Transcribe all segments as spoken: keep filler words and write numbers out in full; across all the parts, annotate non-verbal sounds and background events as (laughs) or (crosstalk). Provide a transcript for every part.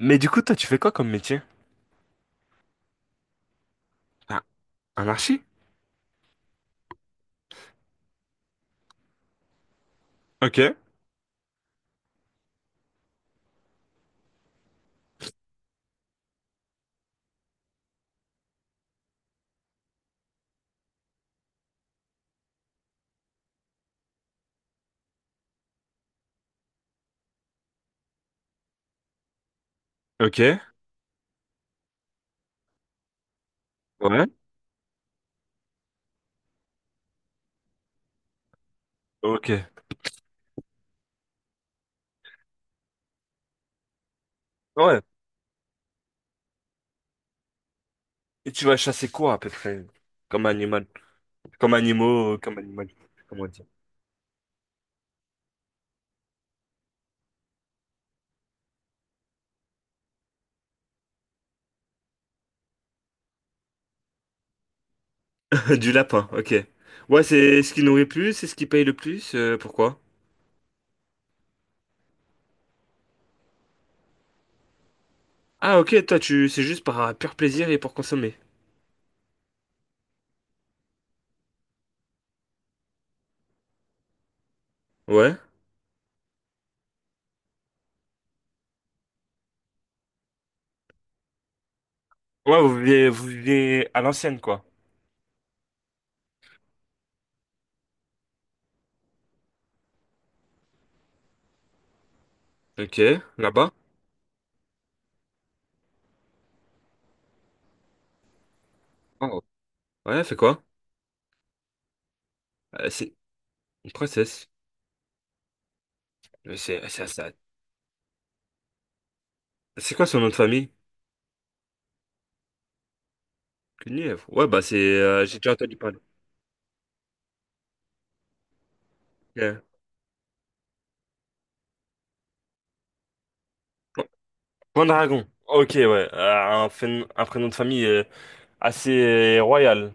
Mais du coup, toi, tu fais quoi comme métier? Un, un archi? Ok, ok, ouais, ok. Ouais. Et tu vas chasser quoi à peu près? Comme animal. Comme animaux, comme animal. Comment dire? (laughs) Du lapin, ok. Ouais, c'est ce qui nourrit le plus, c'est ce qui paye le plus, euh, pourquoi? Ah, ok, toi, tu, c'est juste par euh, pur plaisir et pour consommer. Ouais, ouais, vous vivez, vous vivez à l'ancienne, quoi. Ok, là-bas. Oh. Ouais, elle fait quoi? Euh, c'est une princesse. Mais C'est, c'est, c'est c'est quoi son nom de famille? Cunief. Ouais, bah c'est. Euh, j'ai déjà entendu parler. Euh, Pan- Pendragon. Ok, ouais. Euh, un, phén- un prénom de famille euh, assez euh, royal.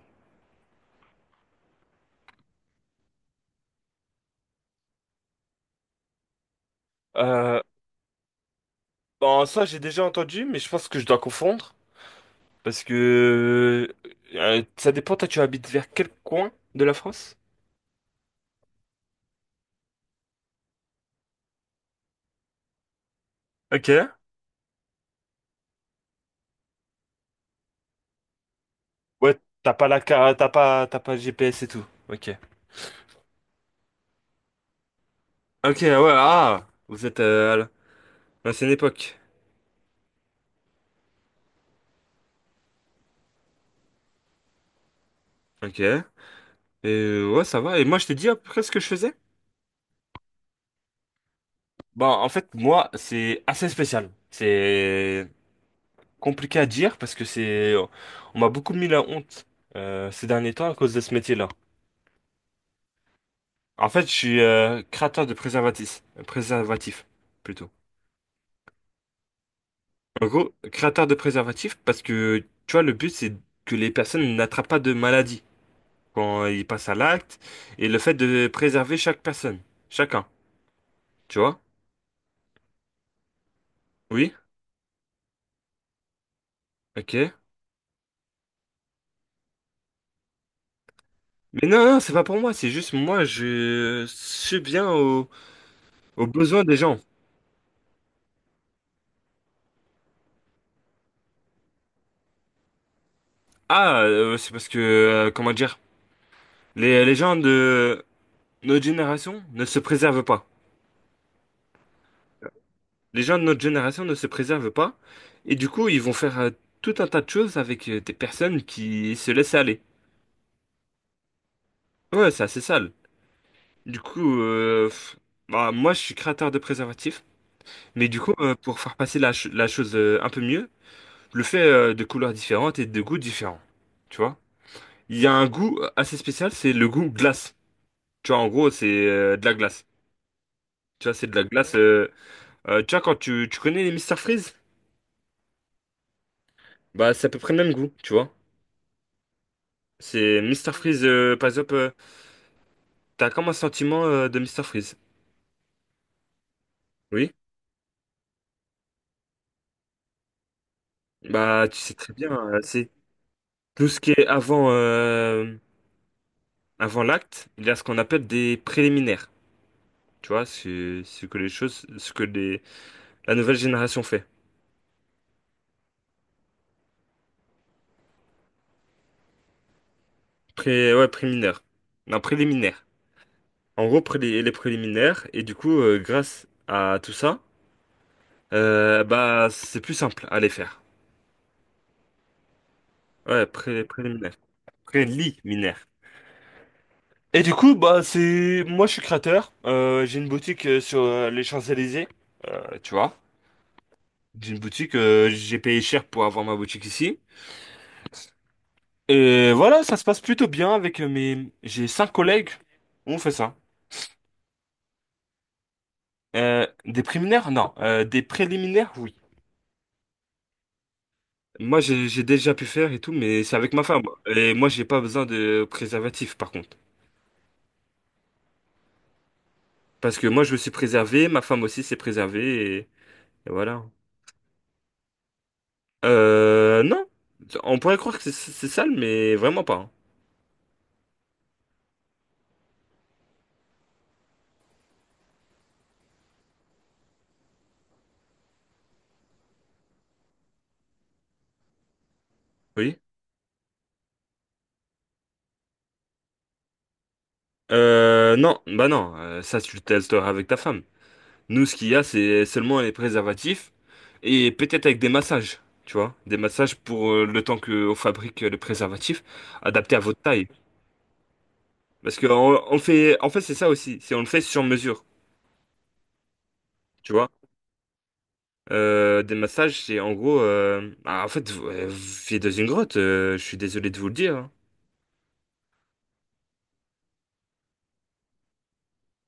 Euh, bon, ça, j'ai déjà entendu, mais je pense que je dois confondre. Parce que. Euh, euh, ça dépend, toi, tu habites vers quel coin de la France? Ok. Ouais, t'as pas la carte, t'as pas, t'as pas le G P S et tout. Ok. Ok, ouais, ah! Vous êtes euh, à l'ancienne époque. Ok. Et euh, ouais, ça va. Et moi, je t'ai dit à peu près ce que je faisais? Bah, en fait, moi, c'est assez spécial. C'est compliqué à dire parce que c'est, on m'a beaucoup mis la honte euh, ces derniers temps à cause de ce métier-là. En fait, je suis euh, créateur de préservatifs, préservatifs plutôt. En gros, créateur de préservatifs parce que, tu vois, le but, c'est que les personnes n'attrapent pas de maladie quand ils passent à l'acte et le fait de préserver chaque personne, chacun, tu vois? Oui? Ok. Mais non, non, c'est pas pour moi, c'est juste moi, je suis bien aux, aux besoins des gens. Ah, euh, c'est parce que, euh, comment dire, les, les gens de notre génération ne se préservent pas. Les gens de notre génération ne se préservent pas, et du coup, ils vont faire euh, tout un tas de choses avec euh, des personnes qui se laissent aller. Ouais, c'est assez sale. Du coup, euh, pff, bah, moi, je suis créateur de préservatifs, mais du coup, euh, pour faire passer la, ch- la chose euh, un peu mieux, je le fais euh, de couleurs différentes et de goûts différents. Tu vois? Il y a un goût euh, assez spécial, c'est le goût glace. Tu vois, en gros, c'est euh, de la glace. Tu vois, c'est de la glace. Euh, Euh, tu vois, quand tu, tu connais les Mister Freeze, bah c'est à peu près le même goût, tu vois. C'est Mister Freeze, euh, par exemple, euh, t'as comme un sentiment euh, de Mister Freeze. Oui. Bah tu sais très bien, euh, c'est tout ce qui est avant, euh, avant l'acte, il y a ce qu'on appelle des préliminaires. Tu vois, c'est ce que les choses, ce que les, la nouvelle génération fait. Pré, ouais, préliminaire. Non, préliminaire. En gros, pré- les les préliminaires, et du coup, euh, grâce à tout ça, euh, bah c'est plus simple à les faire. Ouais, pré- préliminaire. Friendly mineur. Et du coup, bah c'est moi je suis créateur. Euh, j'ai une boutique euh, sur euh, les Champs-Élysées, euh, tu vois. J'ai une boutique, euh, j'ai payé cher pour avoir ma boutique ici. Et voilà, ça se passe plutôt bien avec euh, mes. J'ai cinq collègues. On fait ça. Euh, des préliminaires? Non. Euh, des préliminaires, oui. Moi j'ai j'ai déjà pu faire et tout, mais c'est avec ma femme. Et moi j'ai pas besoin de préservatif par contre, parce que moi je me suis préservé, ma femme aussi s'est préservée et et voilà. Euh, non. On pourrait croire que c'est c'est sale, mais vraiment pas. Hein. Oui. Euh, non, bah non, euh, ça tu le testeras avec ta femme. Nous, ce qu'il y a, c'est seulement les préservatifs et peut-être avec des massages, tu vois, des massages pour euh, le temps qu'on fabrique euh, le préservatif, adapté à votre taille. Parce que on, on fait, en fait, c'est ça aussi, c'est on le fait sur mesure, tu vois. Euh, des massages, c'est en gros, euh, bah, en fait, vous, euh, vous vivez dans une grotte. Euh, je suis désolé de vous le dire. Hein.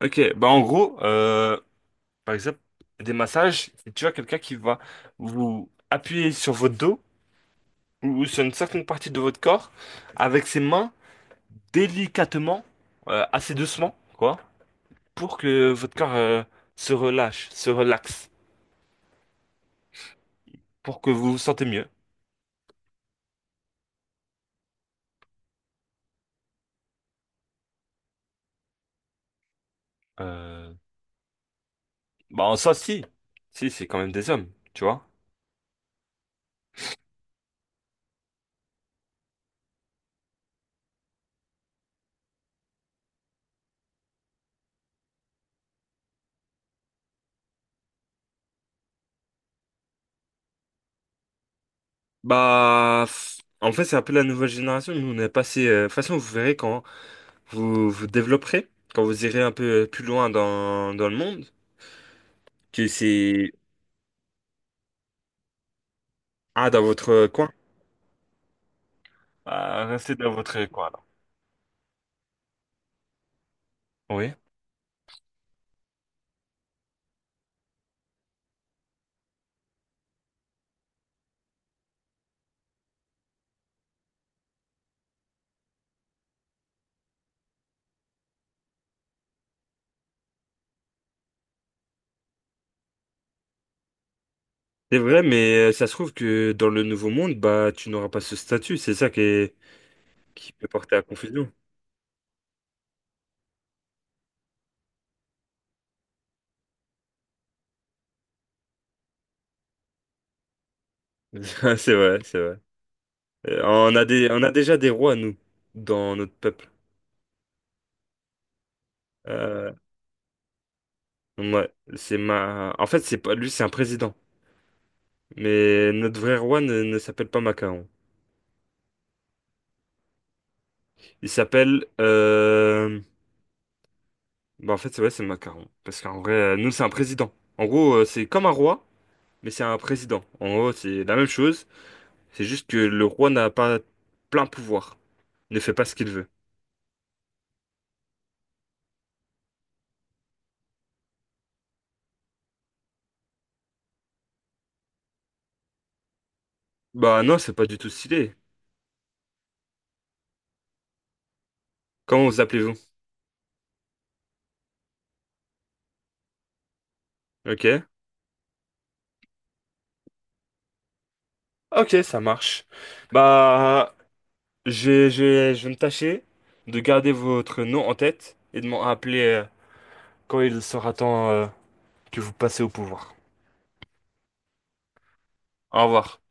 Ok, bah en gros, euh, par exemple, des massages, c'est tu vois quelqu'un qui va vous appuyer sur votre dos ou sur une certaine partie de votre corps avec ses mains délicatement, euh, assez doucement, quoi, pour que votre corps euh, se relâche, se relaxe, pour que vous vous sentez mieux. Euh, Bah en soi, si, si, c'est quand même des hommes, tu vois. Bah, f- en fait, c'est un peu la nouvelle génération. Nous, on est passé. Euh, de toute façon, vous verrez quand vous vous développerez, quand vous irez un peu plus loin dans, dans le monde, que c'est Ah, dans votre coin? Ah, restez dans votre coin, là. Oui. C'est vrai, mais euh, ça se trouve que dans le Nouveau Monde, bah, tu n'auras pas ce statut. C'est ça qui est- qui peut porter à confusion. (laughs) Ah, c'est vrai, c'est vrai. Euh, On a des, on a déjà des rois, nous, dans notre peuple. Euh, ouais, c'est ma... En fait, c'est pas... lui, c'est un président. Mais notre vrai roi ne, ne s'appelle pas Macaron. Il s'appelle... euh, Bah, en fait, c'est vrai, c'est Macaron. Parce qu'en vrai, euh, nous, c'est un président. En gros, euh, c'est comme un roi, mais c'est un président. En gros, c'est la même chose. C'est juste que le roi n'a pas plein pouvoir. Ne fait pas ce qu'il veut. Bah non, c'est pas du tout stylé. Comment vous appelez-vous? Ok. Ok, ça marche. Bah, je, je, je vais me tâcher de garder votre nom en tête et de m'en rappeler euh, quand il sera temps euh, que vous passez au pouvoir. Au revoir.